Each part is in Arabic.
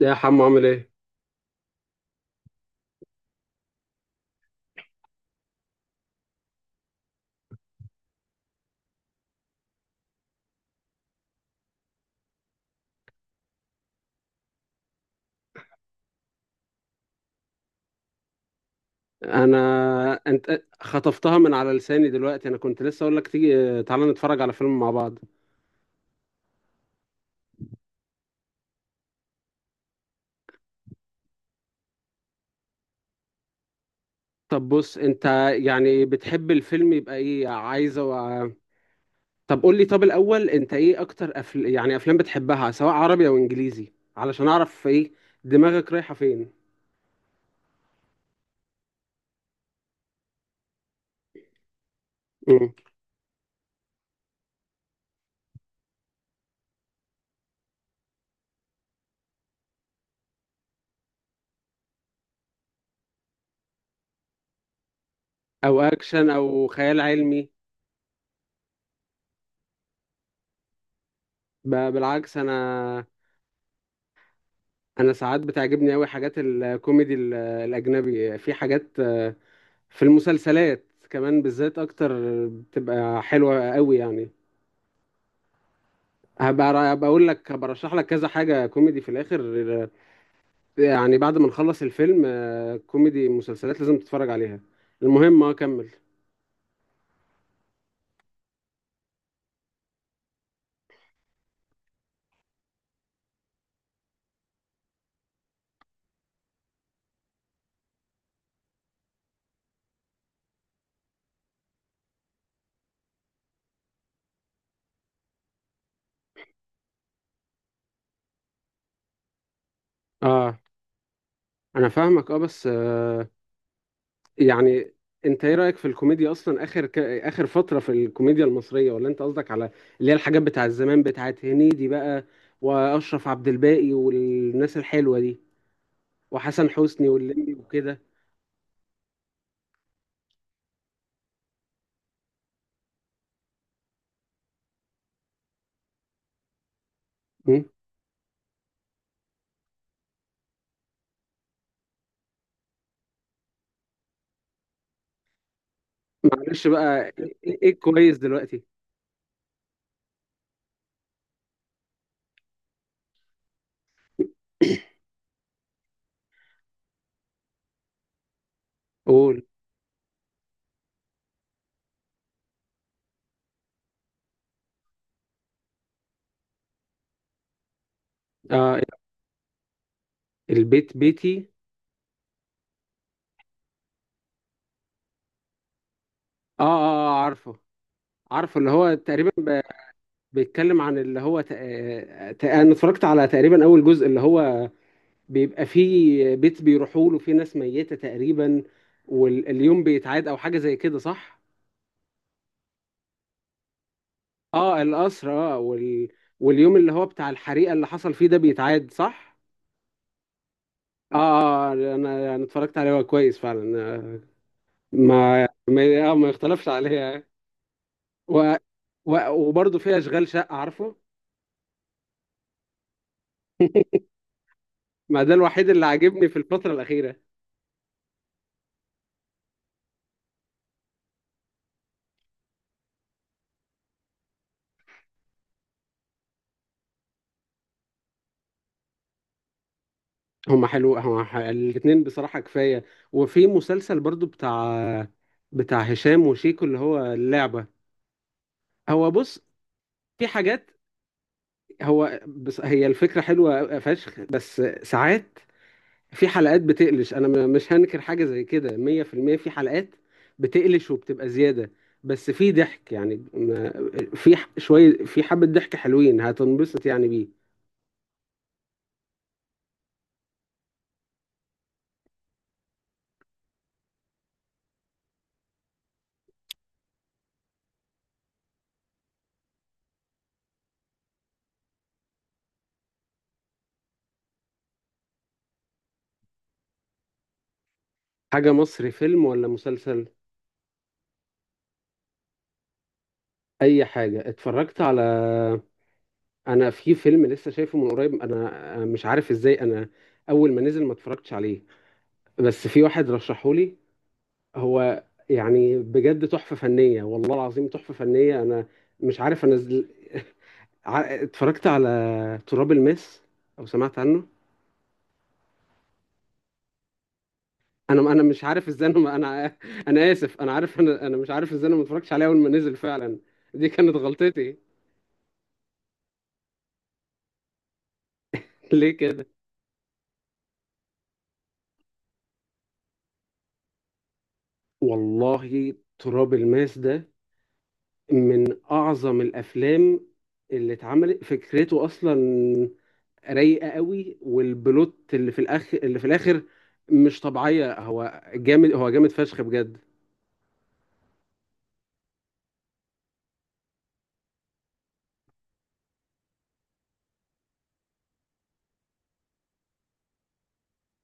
يا حمو عامل ايه؟ انت خطفتها من على لساني دلوقتي، انا كنت لسه اقول لك تيجي تعالى نتفرج على فيلم مع بعض. طب بص انت، يعني بتحب الفيلم يبقى ايه عايزه طب قول لي، طب الاول انت ايه اكتر أفل... يعني افلام بتحبها، سواء عربي او انجليزي، علشان اعرف ايه دماغك رايحه فين. مم. او اكشن او خيال علمي. بالعكس، انا ساعات بتعجبني قوي حاجات الكوميدي الاجنبي، في حاجات في المسلسلات كمان بالذات، اكتر بتبقى حلوه قوي يعني. هبقى اقول لك، هبقى ارشح لك كذا حاجه كوميدي في الاخر، يعني بعد ما نخلص الفيلم. كوميدي مسلسلات لازم تتفرج عليها. المهم كمل. اه انا فاهمك، اه بس آه يعني انت ايه رايك في الكوميديا اصلا؟ اخر اخر فتره في الكوميديا المصريه، ولا انت قصدك على اللي هي الحاجات بتاع زمان، بتاعت هنيدي بقى، واشرف عبد الباقي والناس الحلوه دي، وحسن حسني واللمبي وكده؟ معلش بقى، ايه إيه كويس دلوقتي؟ قول. اه، البيت بيتي. اه اه، عارفه، عارفه، اللي هو تقريبا بيتكلم عن اللي هو انا اتفرجت على تقريبا اول جزء، اللي هو بيبقى فيه بيت بيروحوا له، فيه ناس ميتة تقريبا، واليوم بيتعاد او حاجة زي كده، صح؟ اه القصر، اه واليوم اللي هو بتاع الحريقة اللي حصل فيه ده بيتعاد، صح؟ اه، انا اتفرجت عليه، هو كويس فعلا. ما يختلفش عليه. و... وبرضه فيها اشغال شقه، عارفه. ما ده الوحيد اللي عاجبني في الفتره الاخيره. هما حلو، الاتنين بصراحه كفايه. وفي مسلسل برضه بتاع هشام وشيكو، اللي هو اللعبه. هو بص، في حاجات، هو بس هي الفكره حلوه فشخ، بس ساعات في حلقات بتقلش. انا مش هنكر، حاجه زي كده 100% في المية. في حلقات بتقلش وبتبقى زياده، بس في ضحك يعني، شويه، في حبه ضحك حلوين، هتنبسط يعني بيه. حاجة مصري، فيلم ولا مسلسل؟ أي حاجة اتفرجت على، أنا في فيلم لسه شايفه من قريب. أنا مش عارف إزاي أنا أول ما نزل ما اتفرجتش عليه. بس في واحد رشحولي، هو يعني بجد تحفة فنية، والله العظيم تحفة فنية. أنا مش عارف، أنا اتفرجت على تراب الماس، أو سمعت عنه؟ أنا مش عارف إزاي أنا ما- أنا أنا آسف، أنا عارف، أنا مش عارف إزاي أنا ما اتفرجتش عليه أول ما نزل فعلا. دي كانت غلطتي. ليه كده؟ والله تراب الماس ده من أعظم الأفلام اللي اتعملت، فكرته أصلا رايقة قوي، والبلوت اللي في الآخر، اللي في الآخر مش طبيعية، هو جامد، هو جامد فشخ بجد.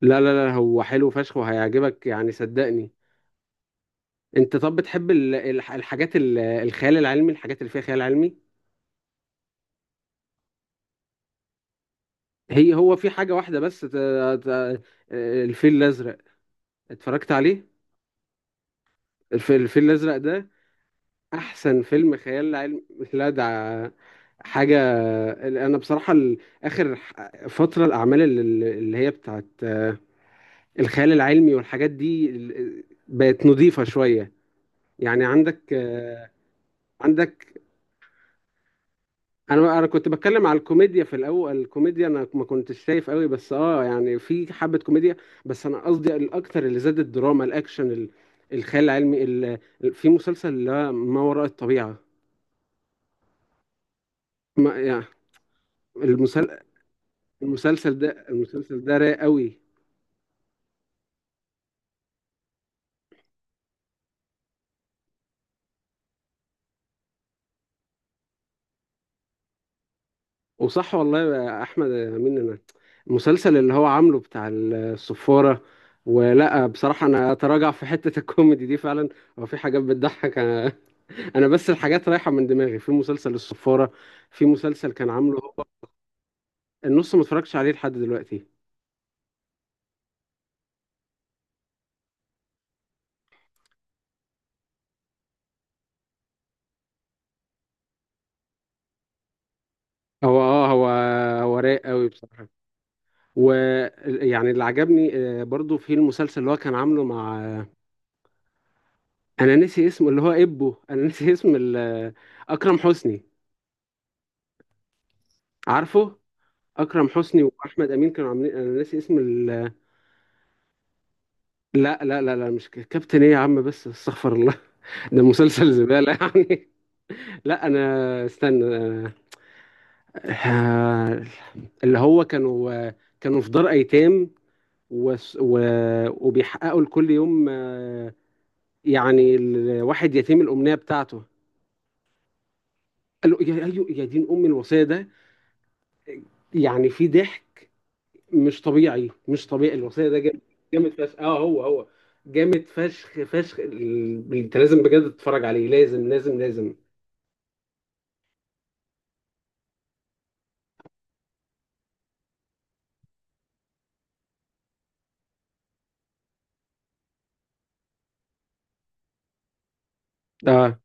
لا، هو حلو فشخ وهيعجبك يعني، صدقني. أنت طب بتحب الحاجات الخيال العلمي، الحاجات اللي فيها خيال علمي؟ هي هو في حاجة واحدة بس، ت- الفيل الأزرق، اتفرجت عليه؟ الفيل الأزرق ده احسن فيلم خيال علمي. لا ده حاجه. انا بصراحه فتره الاعمال اللي هي بتاعت الخيال العلمي والحاجات دي بقت نظيفه شويه. يعني عندك، عندك، انا كنت بتكلم على الكوميديا في الاول، الكوميديا انا ما كنتش شايف قوي، بس اه يعني في حبه كوميديا. بس انا قصدي الاكتر اللي زاد، الدراما، الاكشن، الخيال العلمي، في مسلسل اللي هو ما وراء الطبيعه. ما يعني، المسلسل المسلسل ده المسلسل ده رايق قوي. وصح والله يا احمد يا امين، انا المسلسل اللي هو عامله بتاع الصفارة، ولا بصراحة انا اتراجع في حتة الكوميدي دي فعلا، هو في حاجات بتضحك. انا انا بس الحاجات رايحة من دماغي، في مسلسل الصفارة، في مسلسل كان عامله هو النص، ما اتفرجتش عليه لحد دلوقتي. هو هو رايق قوي بصراحة. ويعني اللي عجبني، برضو في المسلسل اللي هو كان عامله مع، انا نسي اسمه اللي هو ابو، انا نسي اسم اكرم حسني. عارفه، اكرم حسني واحمد امين كانوا عاملين، انا نسي اسم لا مش كابتن، ايه يا عم؟ بس استغفر الله، ده مسلسل زبالة يعني. لا انا استنى، آه، اللي هو كانوا، كانوا في دار ايتام، و... و... وبيحققوا لكل يوم، يعني الواحد يتيم الامنية بتاعته. قالوا يا أيوة يا دين ام، الوصية ده، يعني في ضحك مش طبيعي، مش طبيعي، الوصية ده جامد، جامد فشخ. اه هو، هو جامد فشخ فشخ. انت لازم بجد تتفرج عليه، لازم لازم لازم. اه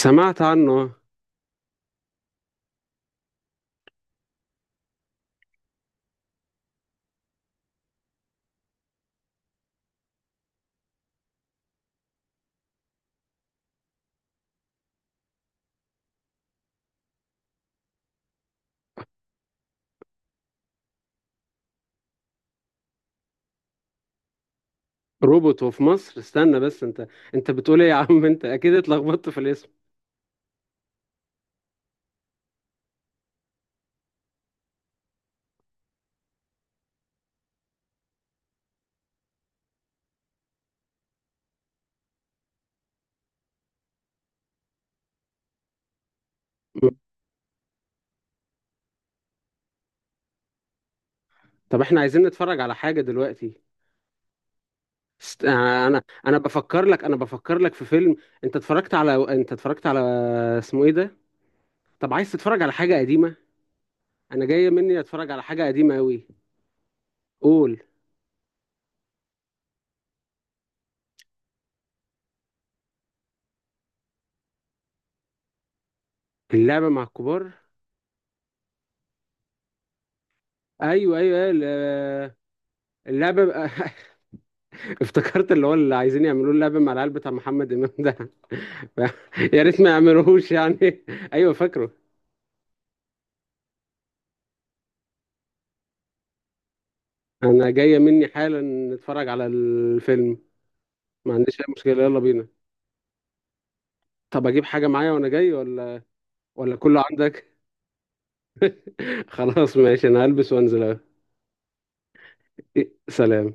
سمعت عنه. روبوت وفي مصر؟ استنى بس، انت انت بتقول ايه يا عم؟ انت اكيد اتلخبطت في الاسم. م. طب احنا عايزين نتفرج على حاجة دلوقتي. است... آه، انا بفكر لك، انا بفكر لك في فيلم. انت اتفرجت على، انت اتفرجت على، اسمه ايه ده؟ طب عايز تتفرج على حاجة قديمة؟ انا جاية مني اتفرج على حاجة قديمة قوي. قول. اللعبة مع الكبار، ايوه أيوة، اللعبه بقى- افتكرت اللي هو اللي عايزين يعملوه اللعبه مع العيال بتاع محمد امام ده. يا ريت ما يعملوهوش يعني. ايوه فاكره. انا جايه مني حالا نتفرج على الفيلم. ما عنديش اي مشكله، يلا بينا. طب اجيب حاجه معايا وانا جاي ولا ولا كله عندك؟ خلاص ماشي، انا هلبس وانزل أهو. إيه، سلام.